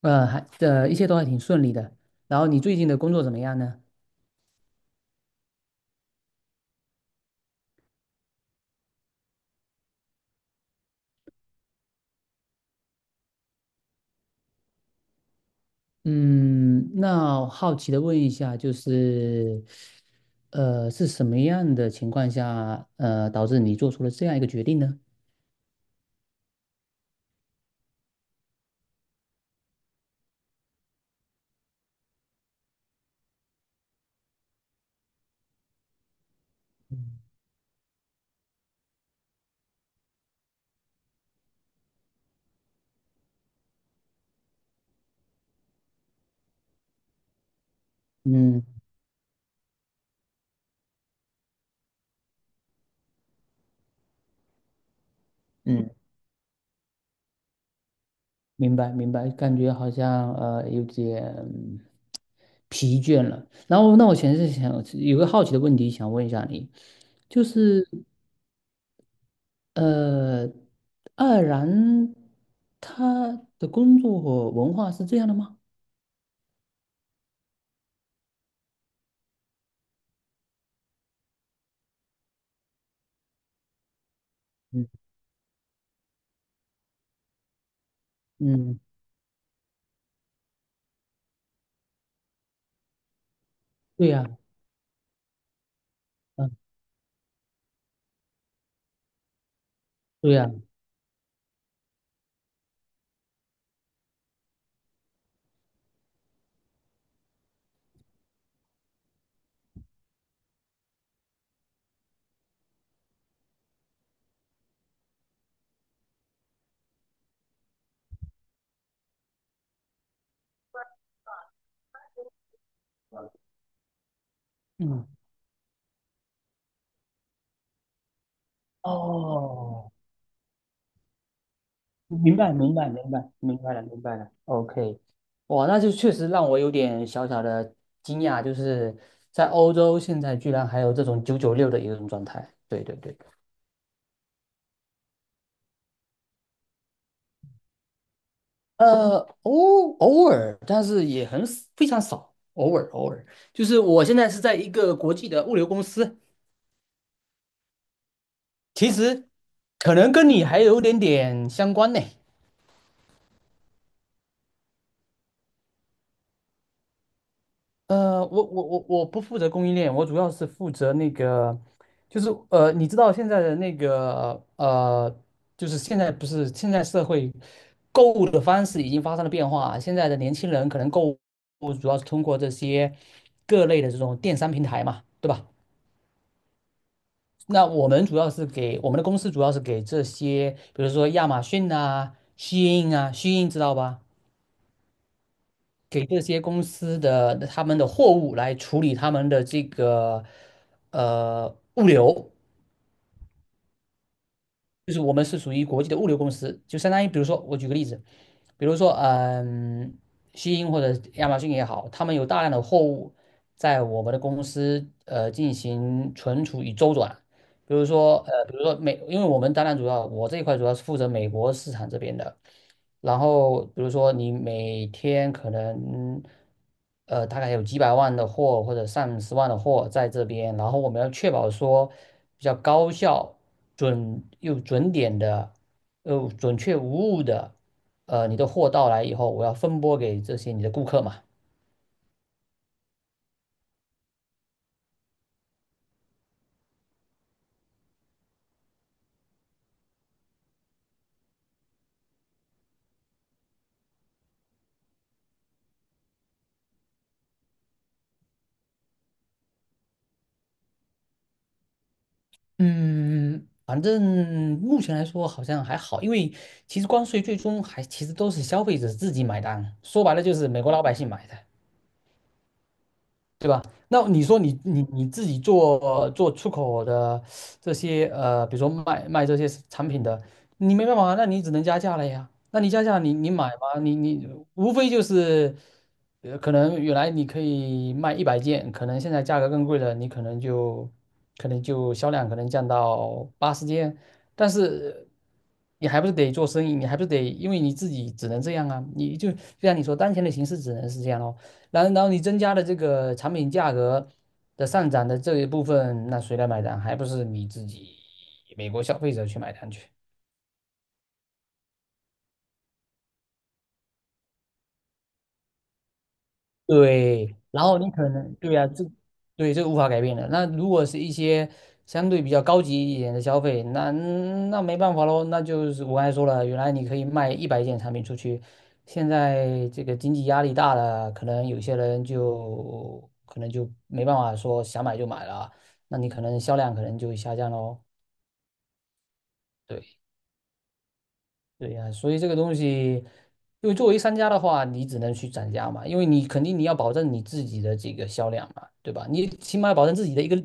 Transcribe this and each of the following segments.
一切都还挺顺利的。然后你最近的工作怎么样呢？嗯，那我好奇的问一下，就是，是什么样的情况下，导致你做出了这样一个决定呢？嗯嗯，明白明白，感觉好像有点疲倦了。然后，那我其实是想有个好奇的问题想问一下你，就是。呃，爱尔兰他的工作和文化是这样的吗？嗯嗯，对呀，嗯，对呀，嗯，哦，明白，明白，明白，明白了，明白了。OK，哇，那就确实让我有点小小的惊讶，就是在欧洲现在居然还有这种996的一种状态。对对对，呃，偶尔，但是也非常少，偶尔偶尔。就是我现在是在一个国际的物流公司，其实可能跟你还有点点相关呢。我不负责供应链，我主要是负责那个，就是你知道现在的那个就是现在不是现在社会购物的方式已经发生了变化，现在的年轻人可能购物主要是通过这些各类的这种电商平台嘛，对吧？那我们主要是给我们的公司主要是给这些，比如说亚马逊啊、虚印啊，虚印知道吧？给这些公司的他们的货物来处理他们的这个呃物流，就是我们是属于国际的物流公司，就相当于比如说我举个例子，比如说西英或者亚马逊也好，他们有大量的货物在我们的公司进行存储与周转。比如说，比如说美，因为我们当然主要，我这一块主要是负责美国市场这边的，然后比如说你每天可能，大概有几百万的货或者上十万的货在这边，然后我们要确保说比较高效、准又准点的，又准确无误的，你的货到来以后，我要分拨给这些你的顾客嘛。嗯，反正目前来说好像还好，因为其实关税最终还其实都是消费者自己买单，说白了就是美国老百姓买的。对吧？那你说你自己做出口的这些比如说卖这些产品的，你没办法，那你只能加价了呀。那你加价你买吗？你无非就是，可能原来你可以卖一百件，可能现在价格更贵了，你可能就销量可能降到80件，但是你还不是得做生意，你还不是得，因为你自己只能这样啊。你就像你说，当前的形势只能是这样咯。然后你增加的这个产品价格的上涨的这一部分，那谁来买单？还不是你自己美国消费者去买单去？对，然后你可能对呀、这对这个无法改变的。那如果是一些相对比较高级一点的消费，那没办法喽，那就是我刚才说了，原来你可以卖一百件产品出去，现在这个经济压力大了，可能有些人就可能就没办法说想买就买了。那你可能销量可能就下降喽。对对呀，所以这个东西，因为作为商家的话，你只能去涨价嘛，因为你肯定你要保证你自己的这个销量嘛，对吧？你起码要保证自己的一个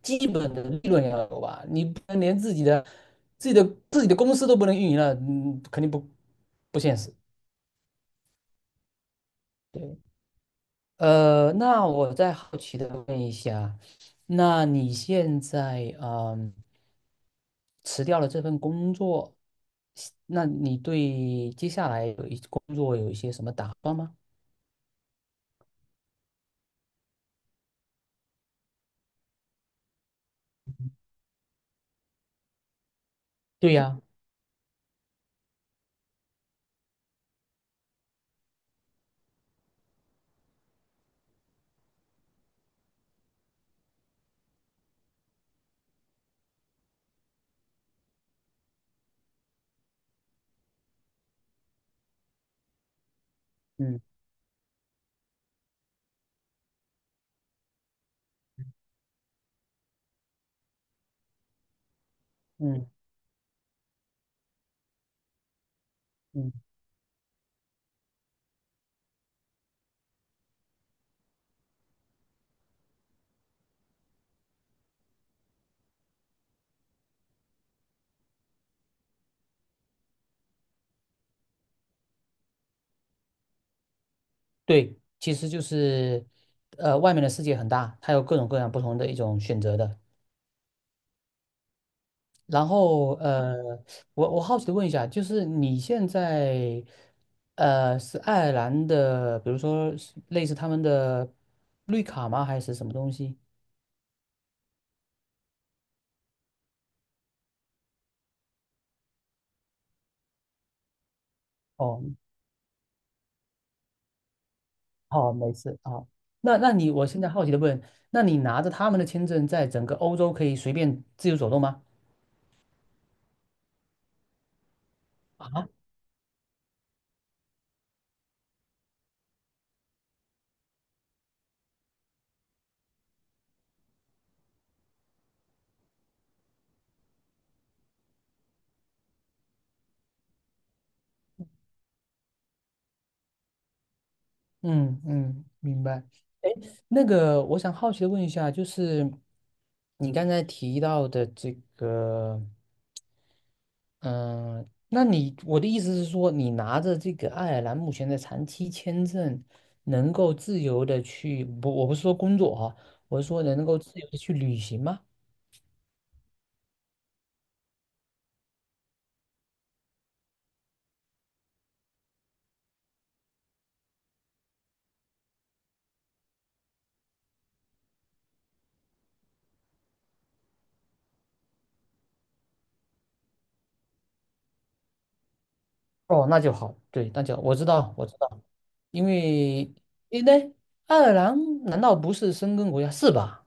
基本的利润要有吧，你不能连自己的自己的公司都不能运营了，肯定不现实。对，那我再好奇的问一下，那你现在辞掉了这份工作，那你对接下来有一些什么打算吗？对呀。嗯嗯嗯对，其实就是，外面的世界很大，它有各种各样不同的一种选择的。然后，我好奇的问一下，就是你现在，是爱尔兰的，比如说是类似他们的绿卡吗？还是什么东西？哦，好，没事啊。好那你，我现在好奇的问，那你拿着他们的签证，在整个欧洲可以随便自由走动吗？啊？嗯嗯，明白。哎，那个，我想好奇的问一下，就是你刚才提到的这个，嗯、我的意思是说，你拿着这个爱尔兰目前的长期签证，能够自由的去，不，我不是说工作哈、我是说能够自由的去旅行吗？哦，那就好，对，那就我知道，我知道，因为因为爱尔兰难道不是申根国家是吧？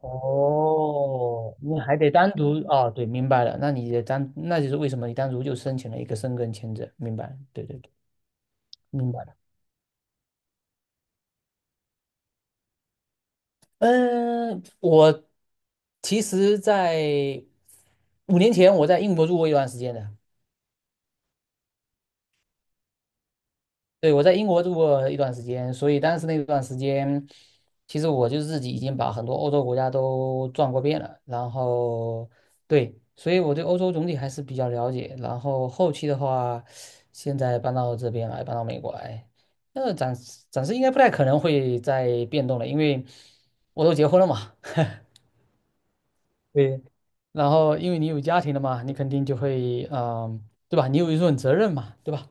哦，你还得单独哦，对，明白了。那你的单，那就是为什么你单独就申请了一个申根签证，明白了对对对，明白了。嗯，我其实在5年前我在英国住过一段时间的，对，我在英国住过一段时间，所以当时那段时间，其实我就自己已经把很多欧洲国家都转过遍了。然后，对，所以我对欧洲总体还是比较了解。然后后期的话，现在搬到这边来，搬到美国来，那暂时应该不太可能会再变动了，因为我都结婚了嘛 对，然后因为你有家庭了嘛，你肯定就会，对吧？你有一份责任嘛，对吧？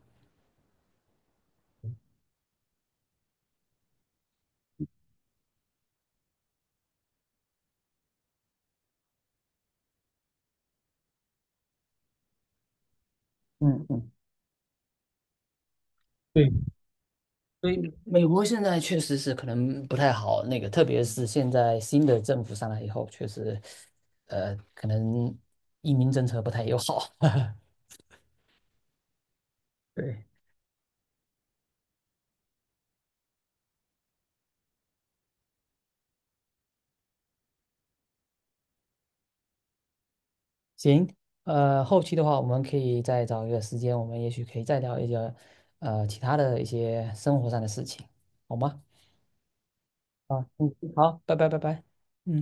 嗯嗯。对。所以美国现在确实是可能不太好，那个特别是现在新的政府上来以后，确实，可能移民政策不太友好。对，行，后期的话，我们可以再找一个时间，我们也许可以再聊一些，其他的一些生活上的事情，好吗？啊，嗯，好，拜拜，拜拜，嗯。